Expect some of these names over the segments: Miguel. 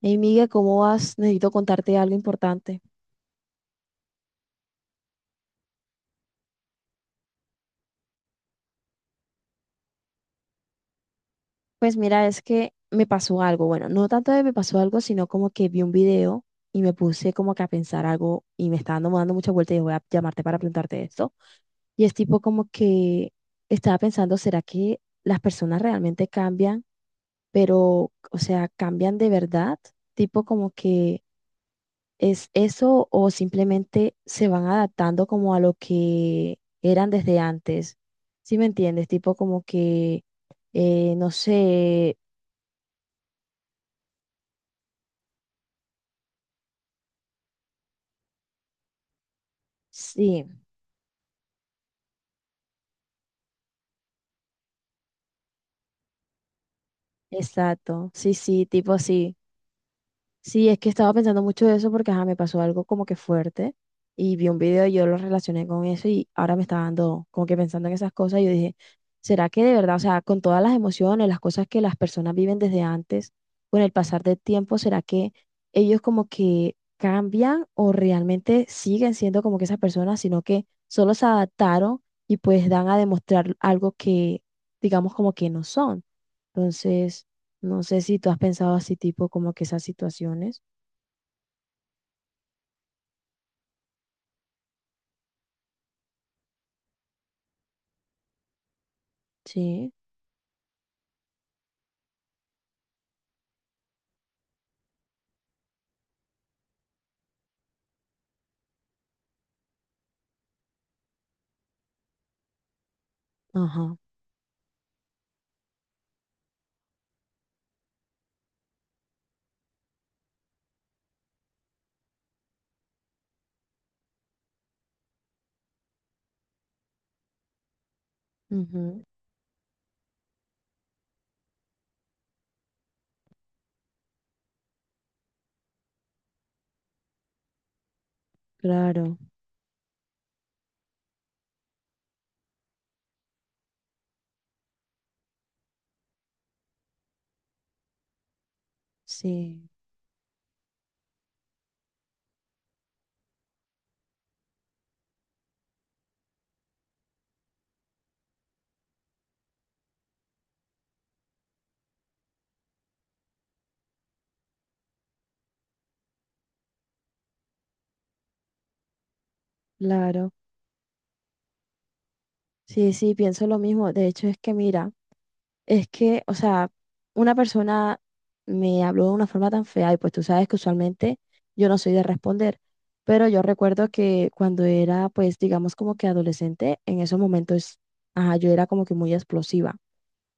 Hey, Miguel, ¿cómo vas? Necesito contarte algo importante. Pues mira, es que me pasó algo. Bueno, no tanto de me pasó algo, sino como que vi un video y me puse como que a pensar algo y me está dando muchas vueltas y dije, voy a llamarte para preguntarte esto. Y es tipo como que estaba pensando, ¿será que las personas realmente cambian? Pero, o sea, ¿cambian de verdad? Tipo como que, ¿es eso o simplemente se van adaptando como a lo que eran desde antes? ¿Sí me entiendes? Tipo como que, no sé, sí, exacto, sí, sí, tipo así. Sí, es que estaba pensando mucho de eso porque ajá, me pasó algo como que fuerte y vi un video y yo lo relacioné con eso y ahora me está dando como que pensando en esas cosas y yo dije, ¿será que de verdad, o sea, con todas las emociones, las cosas que las personas viven desde antes, con el pasar del tiempo, será que ellos como que cambian o realmente siguen siendo como que esas personas, sino que solo se adaptaron y pues dan a demostrar algo que digamos como que no son? Entonces... No sé si tú has pensado así, tipo, como que esas situaciones. Sí, ajá, ujú, claro, sí, claro. Sí, sí, pienso lo mismo. De hecho, es que mira, es que, o sea, una persona me habló de una forma tan fea y pues tú sabes que usualmente yo no soy de responder, pero yo recuerdo que cuando era, pues, digamos como que adolescente, en esos momentos, ajá, yo era como que muy explosiva.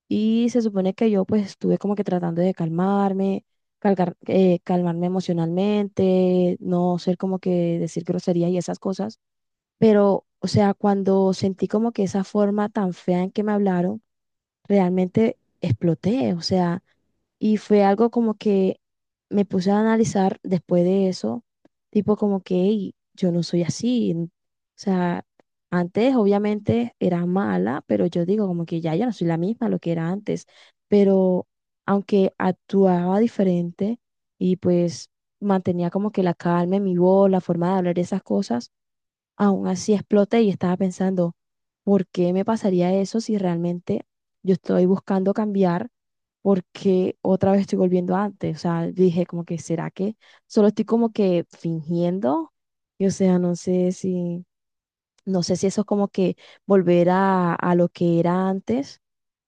Y se supone que yo pues estuve como que tratando de calmarme, calmarme emocionalmente, no ser como que decir groserías y esas cosas. Pero, o sea, cuando sentí como que esa forma tan fea en que me hablaron, realmente exploté, o sea, y fue algo como que me puse a analizar después de eso, tipo como que "Ey, yo no soy así, o sea, antes obviamente era mala, pero yo digo como que ya no soy la misma lo que era antes, pero aunque actuaba diferente y pues mantenía como que la calma en mi voz, la forma de hablar, esas cosas, aún así exploté y estaba pensando, ¿por qué me pasaría eso si realmente yo estoy buscando cambiar porque otra vez estoy volviendo a antes? O sea, dije como que, ¿será que solo estoy como que fingiendo? Y o sea, no sé si eso es como que volver a lo que era antes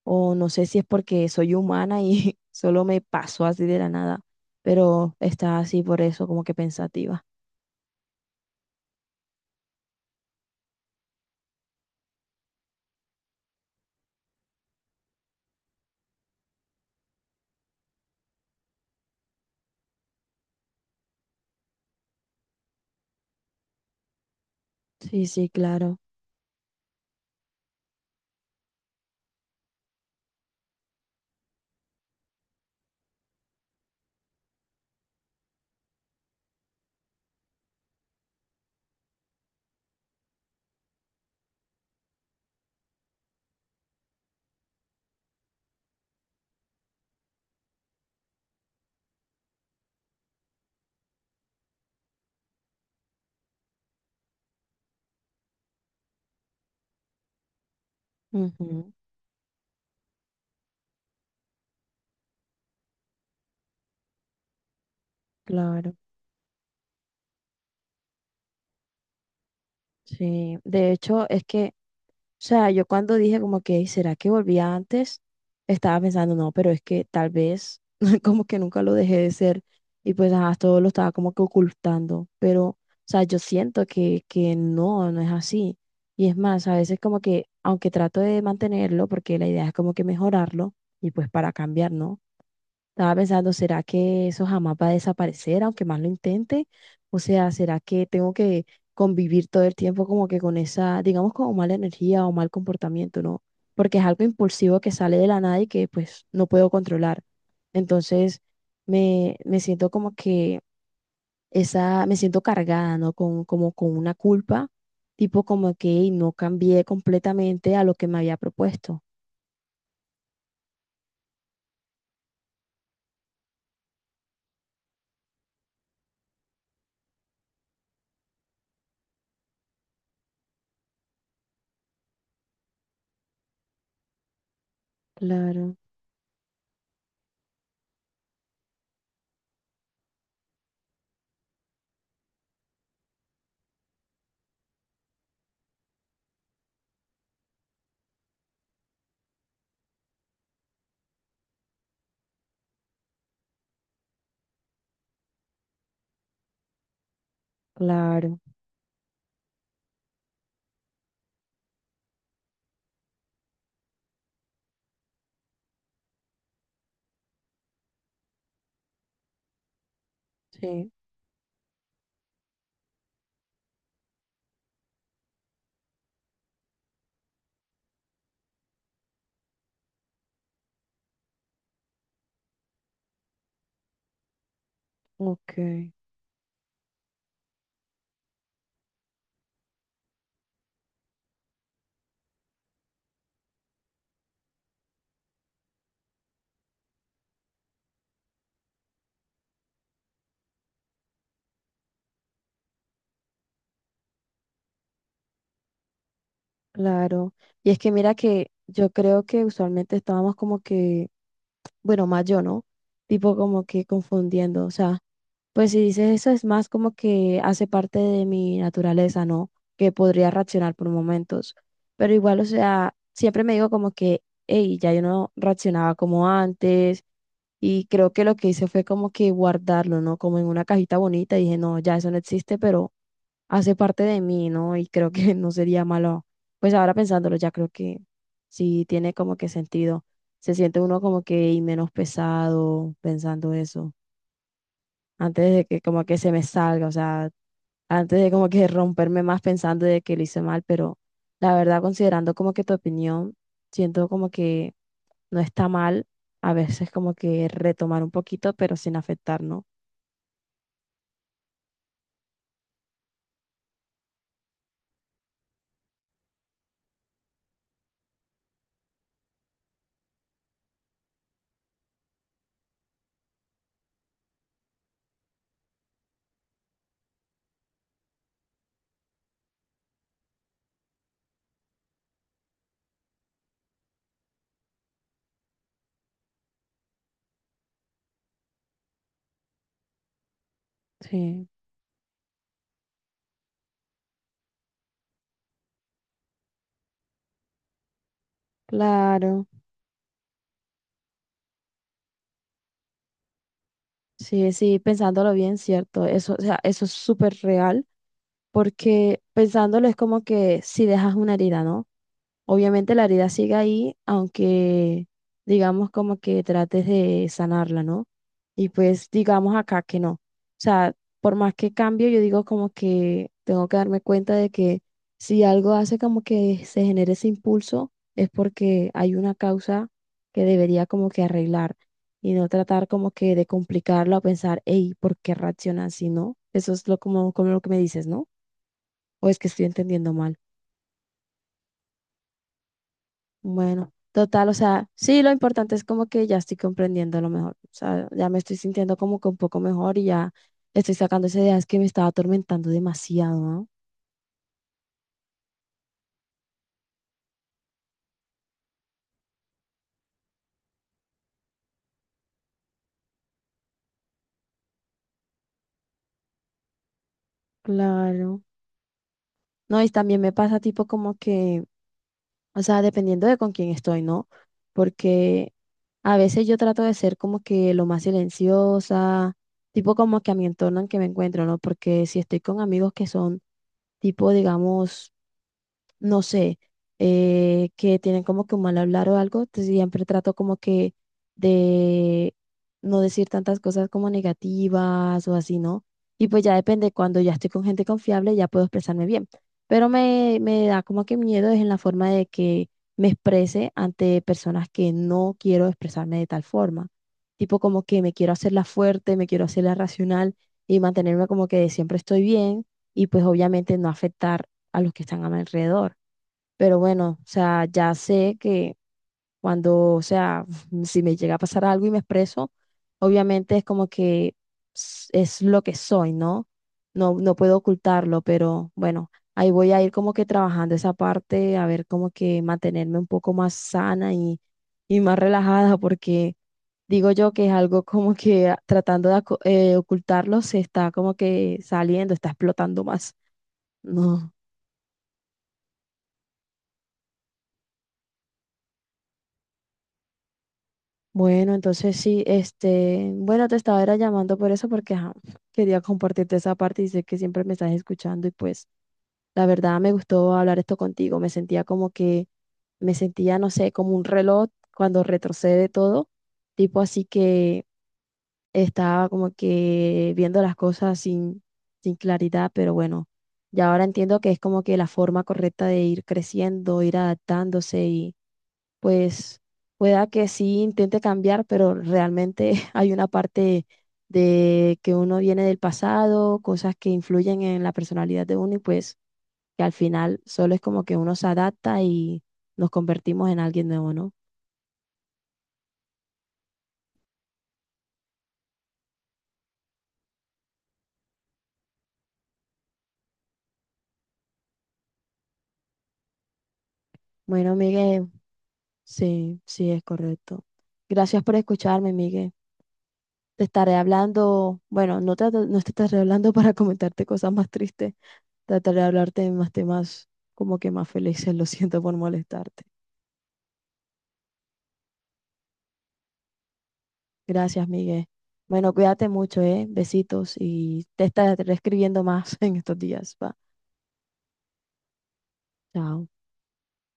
o no sé si es porque soy humana y solo me pasó así de la nada, pero está así por eso como que pensativa. Sí, sí, claro. Ujú, claro. Sí, de hecho es que, o sea, yo cuando dije como que, ¿será que volvía antes? Estaba pensando, no, pero es que tal vez como que nunca lo dejé de ser y pues ajá, todo lo estaba como que ocultando, pero, o sea, yo siento que, no, no es así. Y es más, a veces como que, aunque trato de mantenerlo, porque la idea es como que mejorarlo y pues para cambiar, ¿no? Estaba pensando, ¿será que eso jamás va a desaparecer, aunque más lo intente? O sea, ¿será que tengo que convivir todo el tiempo como que con esa, digamos, como mala energía o mal comportamiento, ¿no? Porque es algo impulsivo que sale de la nada y que pues no puedo controlar. Entonces me siento como que esa, me siento cargada, ¿no? Con, como con una culpa, tipo como que "Ey, no cambié completamente a lo que me había propuesto". Claro, claro, sí, ok. Claro. Y es que mira que yo creo que usualmente estábamos como que, bueno, más yo, ¿no? Tipo como que confundiendo, o sea. Pues si dices eso es más como que hace parte de mi naturaleza, ¿no? Que podría reaccionar por momentos. Pero igual, o sea, siempre me digo como que, hey, ya yo no reaccionaba como antes. Y creo que lo que hice fue como que guardarlo, ¿no? Como en una cajita bonita. Y dije, no, ya eso no existe, pero hace parte de mí, ¿no? Y creo que no sería malo, pues ahora pensándolo, ya creo que sí tiene como que sentido. Se siente uno como que y menos pesado pensando eso. Antes de que como que se me salga, o sea, antes de como que romperme más pensando de que lo hice mal, pero la verdad considerando como que tu opinión, siento como que no está mal a veces como que retomar un poquito, pero sin afectar, ¿no? Sí, claro. Sí, sí, pensándolo bien, cierto. Eso, o sea, eso es súper real, porque pensándolo es como que si dejas una herida, ¿no? Obviamente la herida sigue ahí, aunque digamos como que trates de sanarla, ¿no? Y pues digamos acá que no. O sea, por más que cambio, yo digo como que tengo que darme cuenta de que si algo hace como que se genere ese impulso, es porque hay una causa que debería como que arreglar y no tratar como que de complicarlo a pensar, hey, ¿por qué reacciona así, no? Eso es como lo que me dices, ¿no? O es que estoy entendiendo mal. Bueno, total, o sea, sí, lo importante es como que ya estoy comprendiendo lo mejor, o sea, ya me estoy sintiendo como que un poco mejor y ya estoy sacando esas ideas que me estaba atormentando demasiado, ¿no? Claro. No, y también me pasa tipo como que, o sea, dependiendo de con quién estoy, ¿no? Porque a veces yo trato de ser como que lo más silenciosa, tipo como que a mi entorno en que me encuentro, ¿no? Porque si estoy con amigos que son tipo, digamos, no sé, que tienen como que un mal hablar o algo, entonces siempre trato como que de no decir tantas cosas como negativas o así, ¿no? Y pues ya depende, cuando ya estoy con gente confiable ya puedo expresarme bien, pero me da como que miedo es en la forma de que me exprese ante personas que no quiero expresarme de tal forma, tipo como que me quiero hacerla fuerte, me quiero hacerla racional y mantenerme como que siempre estoy bien y pues obviamente no afectar a los que están a mi alrededor. Pero bueno, o sea, ya sé que cuando, o sea, si me llega a pasar algo y me expreso, obviamente es como que es lo que soy, ¿no? No puedo ocultarlo, pero bueno, ahí voy a ir como que trabajando esa parte, a ver como que mantenerme un poco más sana y más relajada, porque digo yo que es algo como que ocultarlo, se está como que saliendo, está explotando más. No. Bueno, entonces sí, este, bueno, te estaba era llamando por eso porque ajá, quería compartirte esa parte y sé que siempre me estás escuchando y pues la verdad me gustó hablar esto contigo, me sentía, no sé, como un reloj cuando retrocede todo, tipo así que estaba como que viendo las cosas sin claridad, pero bueno, ya ahora entiendo que es como que la forma correcta de ir creciendo, ir adaptándose, pues pueda que sí intente cambiar, pero realmente hay una parte de que uno viene del pasado, cosas que influyen en la personalidad de uno y pues que al final solo es como que uno se adapta y nos convertimos en alguien nuevo, ¿no? Bueno, Miguel, sí, sí es correcto. Gracias por escucharme, Miguel. Te estaré hablando, bueno, no te estaré hablando para comentarte cosas más tristes, trataré de hablarte de más temas como que más felices, lo siento por molestarte. Gracias, Miguel. Bueno, cuídate mucho, ¿eh? Besitos y te estaré escribiendo más en estos días. Va. Chao.